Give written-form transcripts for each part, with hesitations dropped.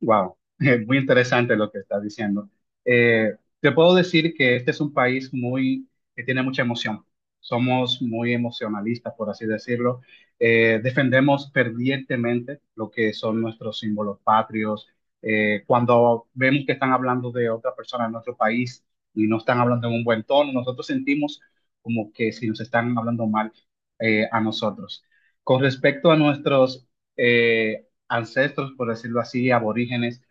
Wow, muy interesante lo que estás diciendo. Eh, Te puedo decir que este es un país muy que tiene mucha emoción. Somos muy emocionalistas, por así decirlo. Defendemos fervientemente lo que son nuestros símbolos patrios. Cuando vemos que están hablando de otra persona en nuestro país y no están hablando en un buen tono, nosotros sentimos como que si nos están hablando mal a nosotros. Con respecto a nuestros eh, ancestros, por decirlo así, aborígenes,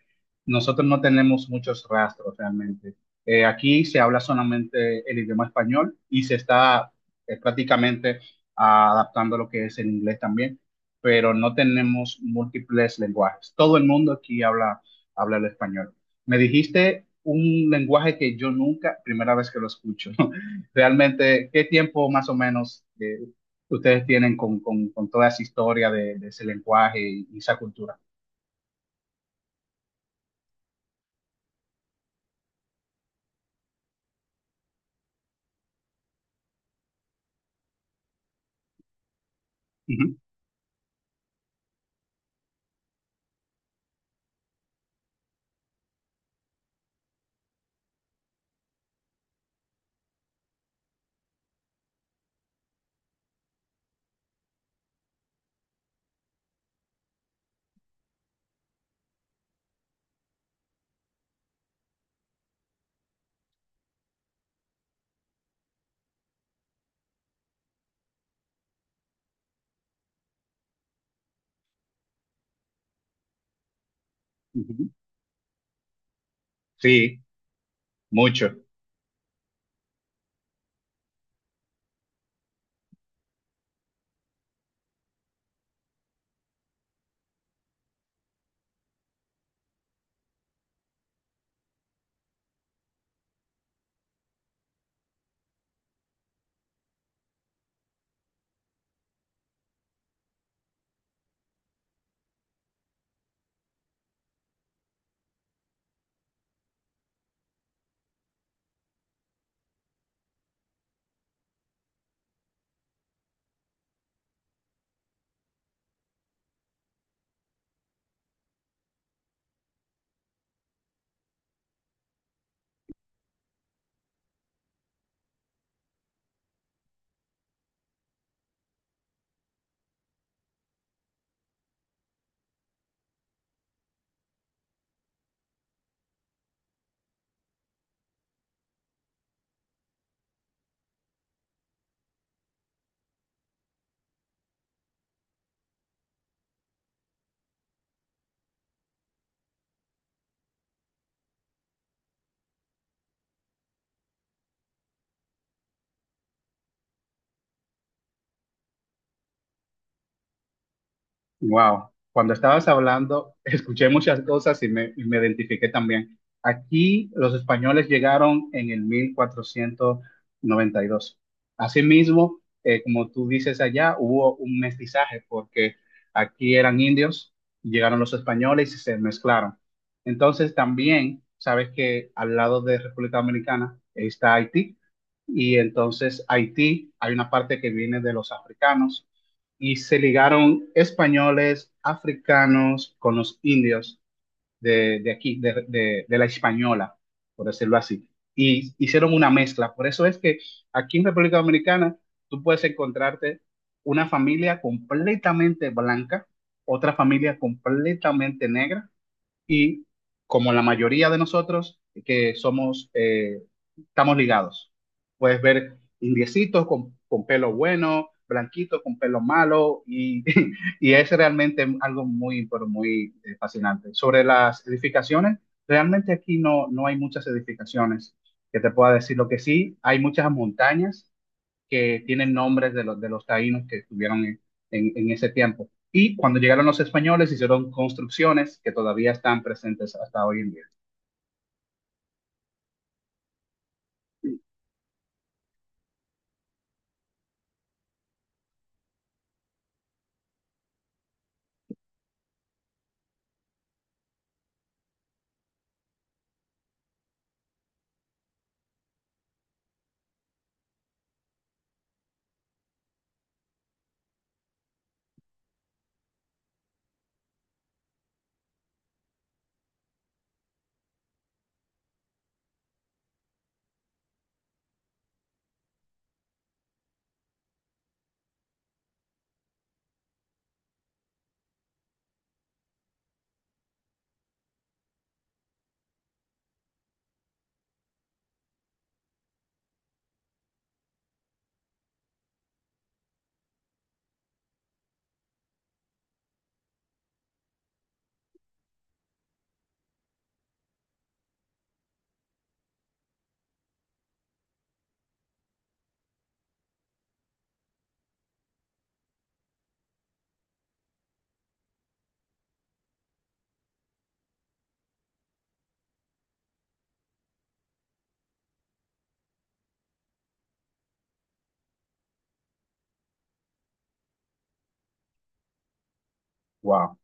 nosotros no tenemos muchos rastros realmente. Aquí se habla solamente el idioma español y se está prácticamente adaptando lo que es el inglés también, pero no tenemos múltiples lenguajes. Todo el mundo aquí habla, habla el español. Me dijiste un lenguaje que yo nunca, primera vez que lo escucho. Realmente, ¿qué tiempo más o menos que ustedes tienen con toda esa historia de ese lenguaje y esa cultura? Ujú, ujú. Sí, mucho. Wow, cuando estabas hablando, escuché muchas cosas y y me identifiqué también. Aquí los españoles llegaron en el 1492. Asimismo, como tú dices allá, hubo un mestizaje porque aquí eran indios, llegaron los españoles y se mezclaron. Entonces también, sabes que al lado de República Dominicana está Haití, y entonces Haití hay una parte que viene de los africanos y se ligaron españoles, africanos con los indios de aquí, de la española, por decirlo así. Y hicieron una mezcla. Por eso es que aquí en República Dominicana tú puedes encontrarte una familia completamente blanca, otra familia completamente negra y, como la mayoría de nosotros que somos, estamos ligados. Puedes ver indiecitos con pelo bueno, blanquitos con pelo malo, y, y es realmente algo muy, pero muy fascinante. Sobre las edificaciones, realmente aquí no, no hay muchas edificaciones que te pueda decir. Lo que sí, hay muchas montañas que tienen nombres de los taínos que estuvieron en, en ese tiempo. Y cuando llegaron los españoles, hicieron construcciones que todavía están presentes hasta hoy en día. Wow,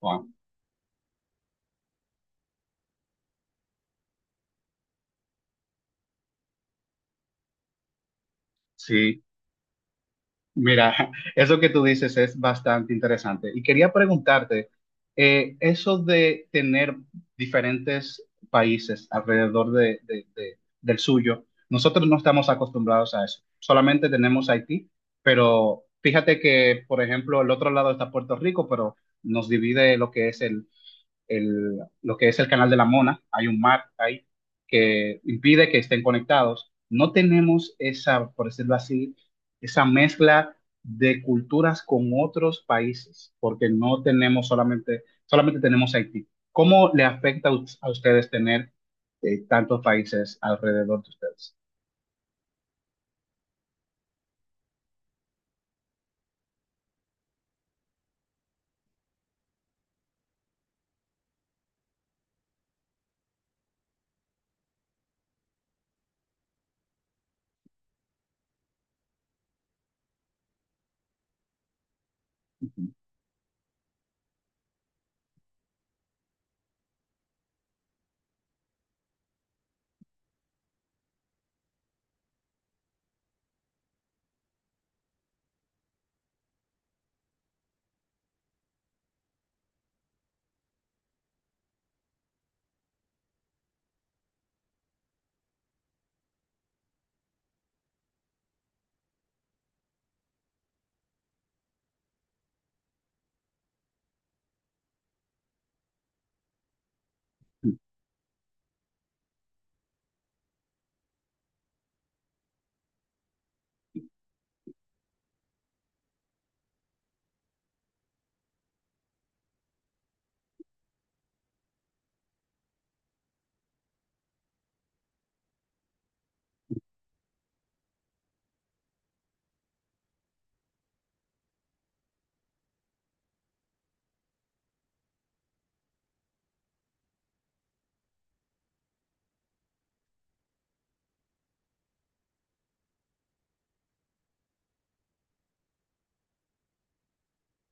wow. Sí. Mira, eso que tú dices es bastante interesante. Y quería preguntarte, eso de tener diferentes países alrededor del suyo. Nosotros no estamos acostumbrados a eso. Solamente tenemos Haití, pero fíjate que, por ejemplo, el otro lado está Puerto Rico, pero nos divide lo que es lo que es el canal de la Mona. Hay un mar ahí que impide que estén conectados. No tenemos esa, por decirlo así, esa mezcla de culturas con otros países, porque no tenemos solamente, solamente tenemos Haití. ¿Cómo le afecta a ustedes tener tantos países alrededor de ustedes?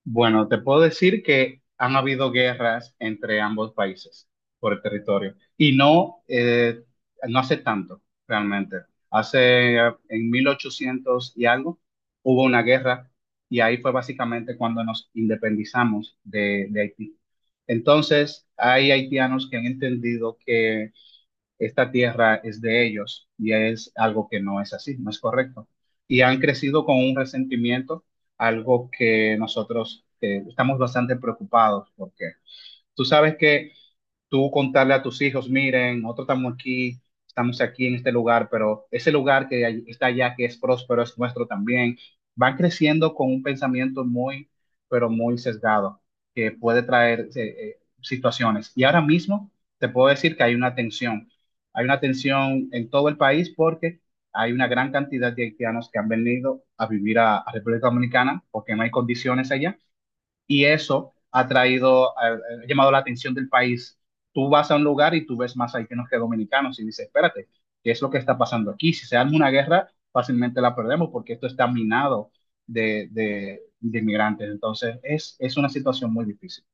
Bueno, te puedo decir que han habido guerras entre ambos países por el territorio y no, no hace tanto realmente. Hace en 1800 y algo hubo una guerra y ahí fue básicamente cuando nos independizamos de Haití. Entonces, hay haitianos que han entendido que esta tierra es de ellos, y es algo que no es así, no es correcto. Y han crecido con un resentimiento, algo que nosotros estamos bastante preocupados porque tú sabes que tú contarle a tus hijos, miren, nosotros estamos aquí en este lugar, pero ese lugar está allá, que es próspero, es nuestro también, van creciendo con un pensamiento muy, pero muy sesgado, que puede traer situaciones. Y ahora mismo te puedo decir que hay una tensión en todo el país porque hay una gran cantidad de haitianos que han venido a vivir a República Dominicana porque no hay condiciones allá, y eso ha traído, ha, llamado la atención del país. Tú vas a un lugar y tú ves más haitianos que dominicanos y dices, espérate, ¿qué es lo que está pasando aquí? Si se arma una guerra, fácilmente la perdemos porque esto está minado de inmigrantes. Entonces, es una situación muy difícil.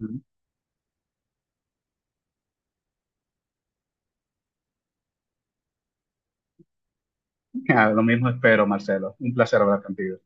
Lo mismo espero, Marcelo. Un placer hablar contigo.